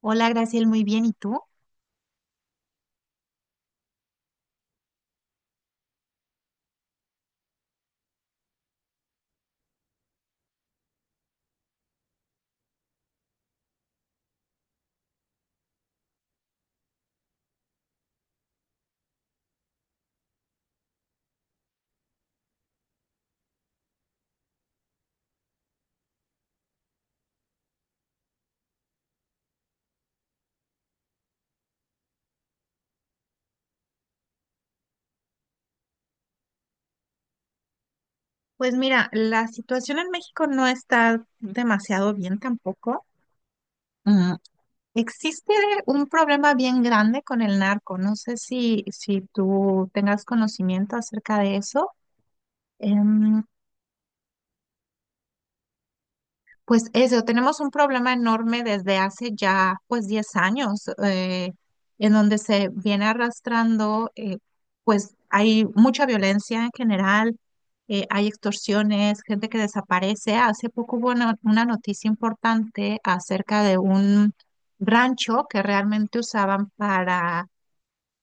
Hola, Graciel, muy bien. ¿Y tú? Pues mira, la situación en México no está demasiado bien tampoco. Mm, Existe un problema bien grande con el narco. No sé si tú tengas conocimiento acerca de eso. Em, Pues eso, tenemos un problema enorme desde hace ya pues 10 años, en donde se viene arrastrando, pues hay mucha violencia en general, hay extorsiones, gente que desaparece. Hace poco hubo una noticia importante acerca de un rancho que realmente usaban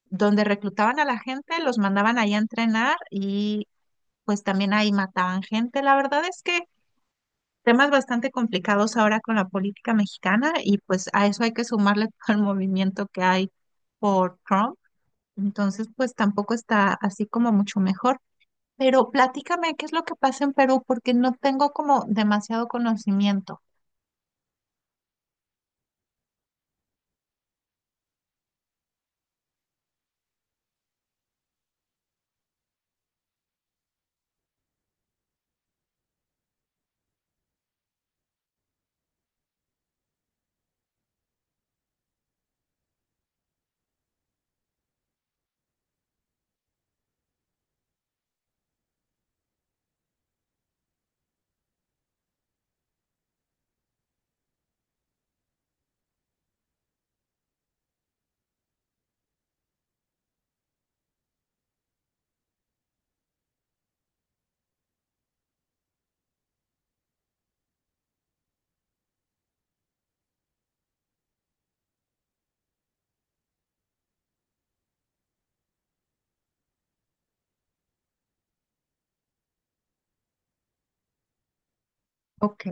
donde reclutaban a la gente, los mandaban ahí a entrenar y pues también ahí mataban gente. La verdad es que temas bastante complicados ahora con la política mexicana y pues a eso hay que sumarle todo el movimiento que hay por Trump. Entonces, pues tampoco está así como mucho mejor. Pero platícame qué es lo que pasa en Perú porque no tengo como demasiado conocimiento. Ok,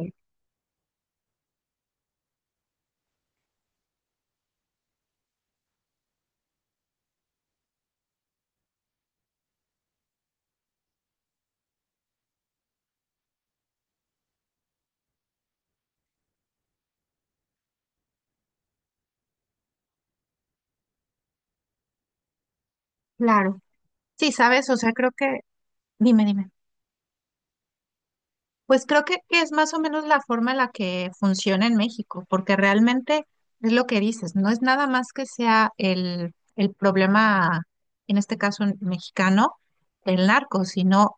claro. Sí, sabes, o sea, creo que, dime, dime. Pues creo que es más o menos la forma en la que funciona en México, porque realmente es lo que dices, no es nada más que sea el problema, en este caso mexicano, del narco, sino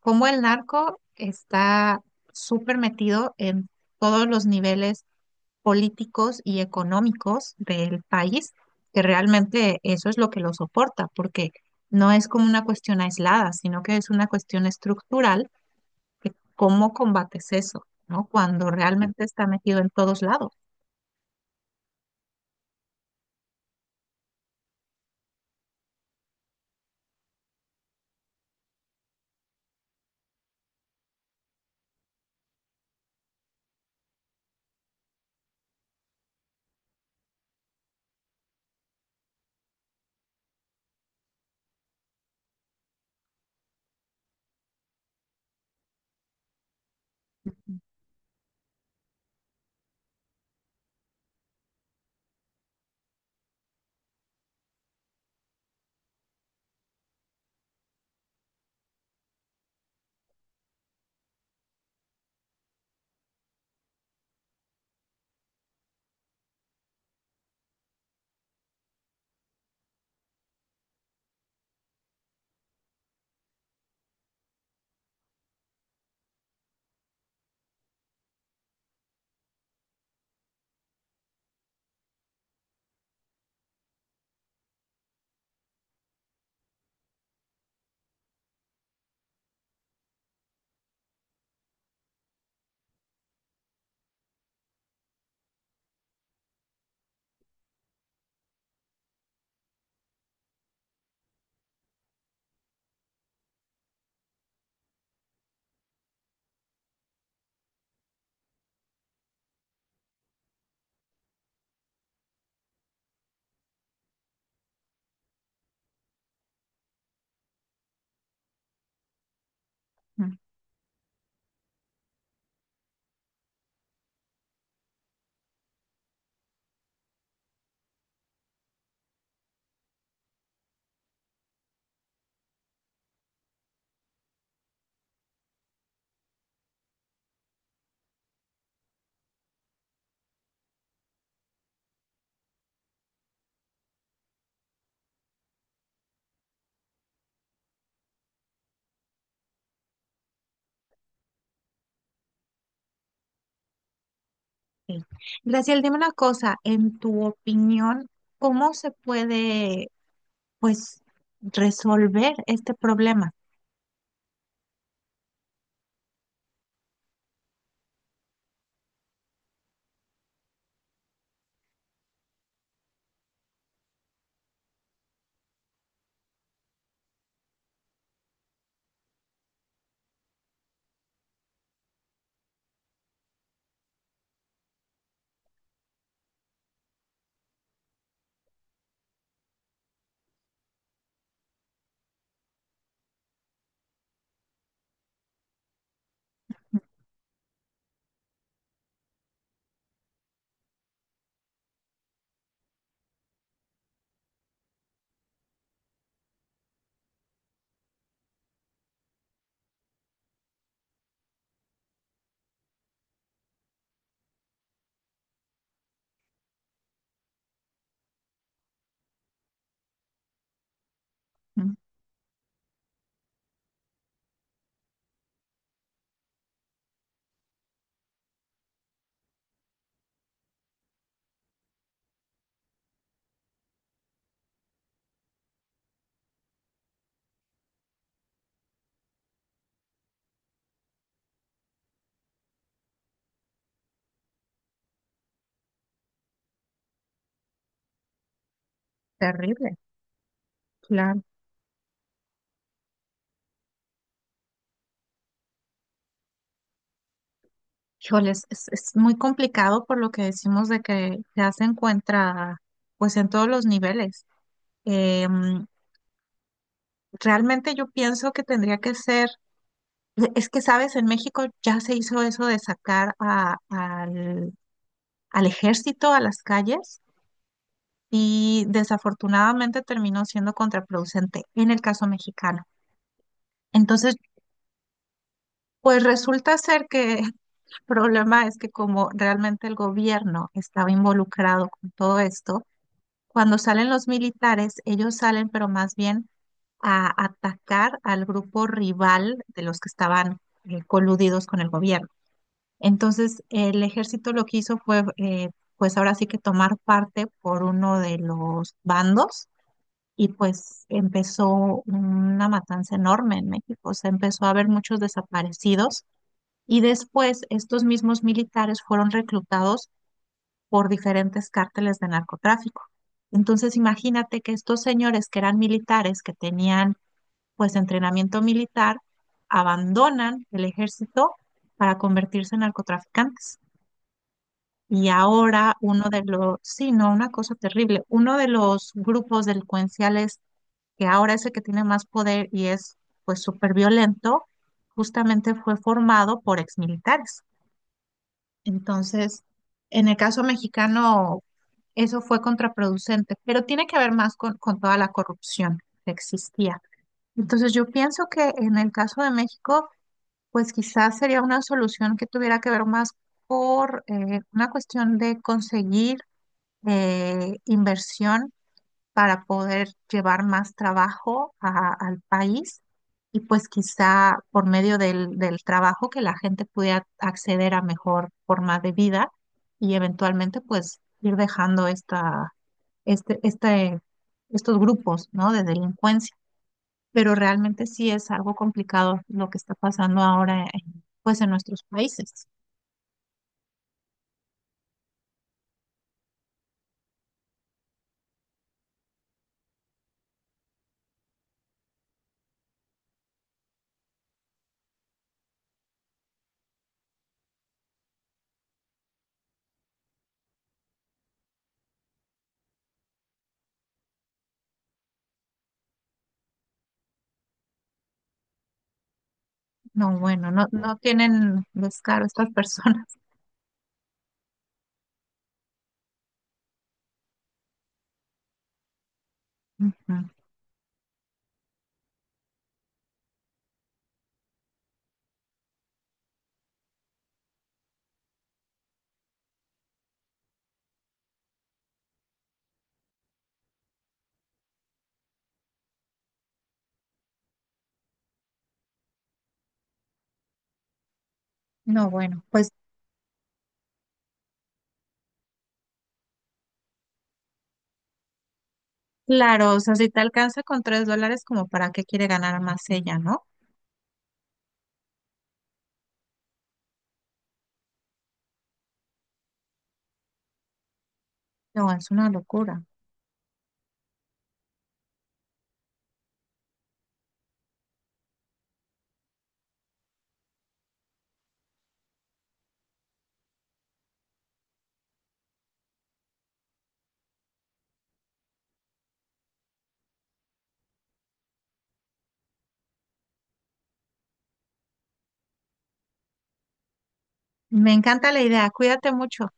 cómo el narco está súper metido en todos los niveles políticos y económicos del país, que realmente eso es lo que lo soporta, porque no es como una cuestión aislada, sino que es una cuestión estructural que ¿cómo combates eso, no? Cuando, sí, realmente está metido en todos lados. Mm, ok. Graciel, dime una cosa, en tu opinión, ¿cómo se puede, pues, resolver este problema? Mm, terrible, claro. Híjoles, es muy complicado por lo que decimos de que ya se encuentra, pues, en todos los niveles. Em, Realmente yo pienso que tendría que ser es que, sabes, en México ya se hizo eso de sacar a, al al ejército, a las calles, y desafortunadamente terminó siendo contraproducente en el caso mexicano. Entonces, pues resulta ser que el problema es que como realmente el gobierno estaba involucrado con todo esto, cuando salen los militares, ellos salen, pero más bien a atacar al grupo rival de los que estaban coludidos con el gobierno. Entonces, el ejército lo que hizo fue, pues ahora sí que tomar parte por uno de los bandos y pues empezó una matanza enorme en México. Se empezó a ver muchos desaparecidos y después estos mismos militares fueron reclutados por diferentes cárteles de narcotráfico. Entonces, imagínate que estos señores que eran militares, que tenían pues entrenamiento militar, abandonan el ejército para convertirse en narcotraficantes. Y ahora sí, no, una cosa terrible, uno de los grupos delincuenciales que ahora es el que tiene más poder y es pues súper violento, justamente fue formado por exmilitares. Entonces, en el caso mexicano, eso fue contraproducente, pero tiene que ver más con toda la corrupción que existía. Entonces, yo pienso que en el caso de México, pues quizás sería una solución que tuviera que ver más por una cuestión de conseguir inversión para poder llevar más trabajo al país y pues quizá por medio del trabajo que la gente pudiera acceder a mejor forma de vida y eventualmente pues ir dejando este, este, estos grupos, ¿no? de delincuencia. Pero realmente sí es algo complicado lo que está pasando ahora en, pues en nuestros países. No, bueno, no, no tienen descaro estas personas. Ujú. No, bueno, pues claro, o sea, si te alcanza con $3, como para qué quiere ganar más ella, ¿no? No, es una locura. Me encanta la idea. Cuídate mucho.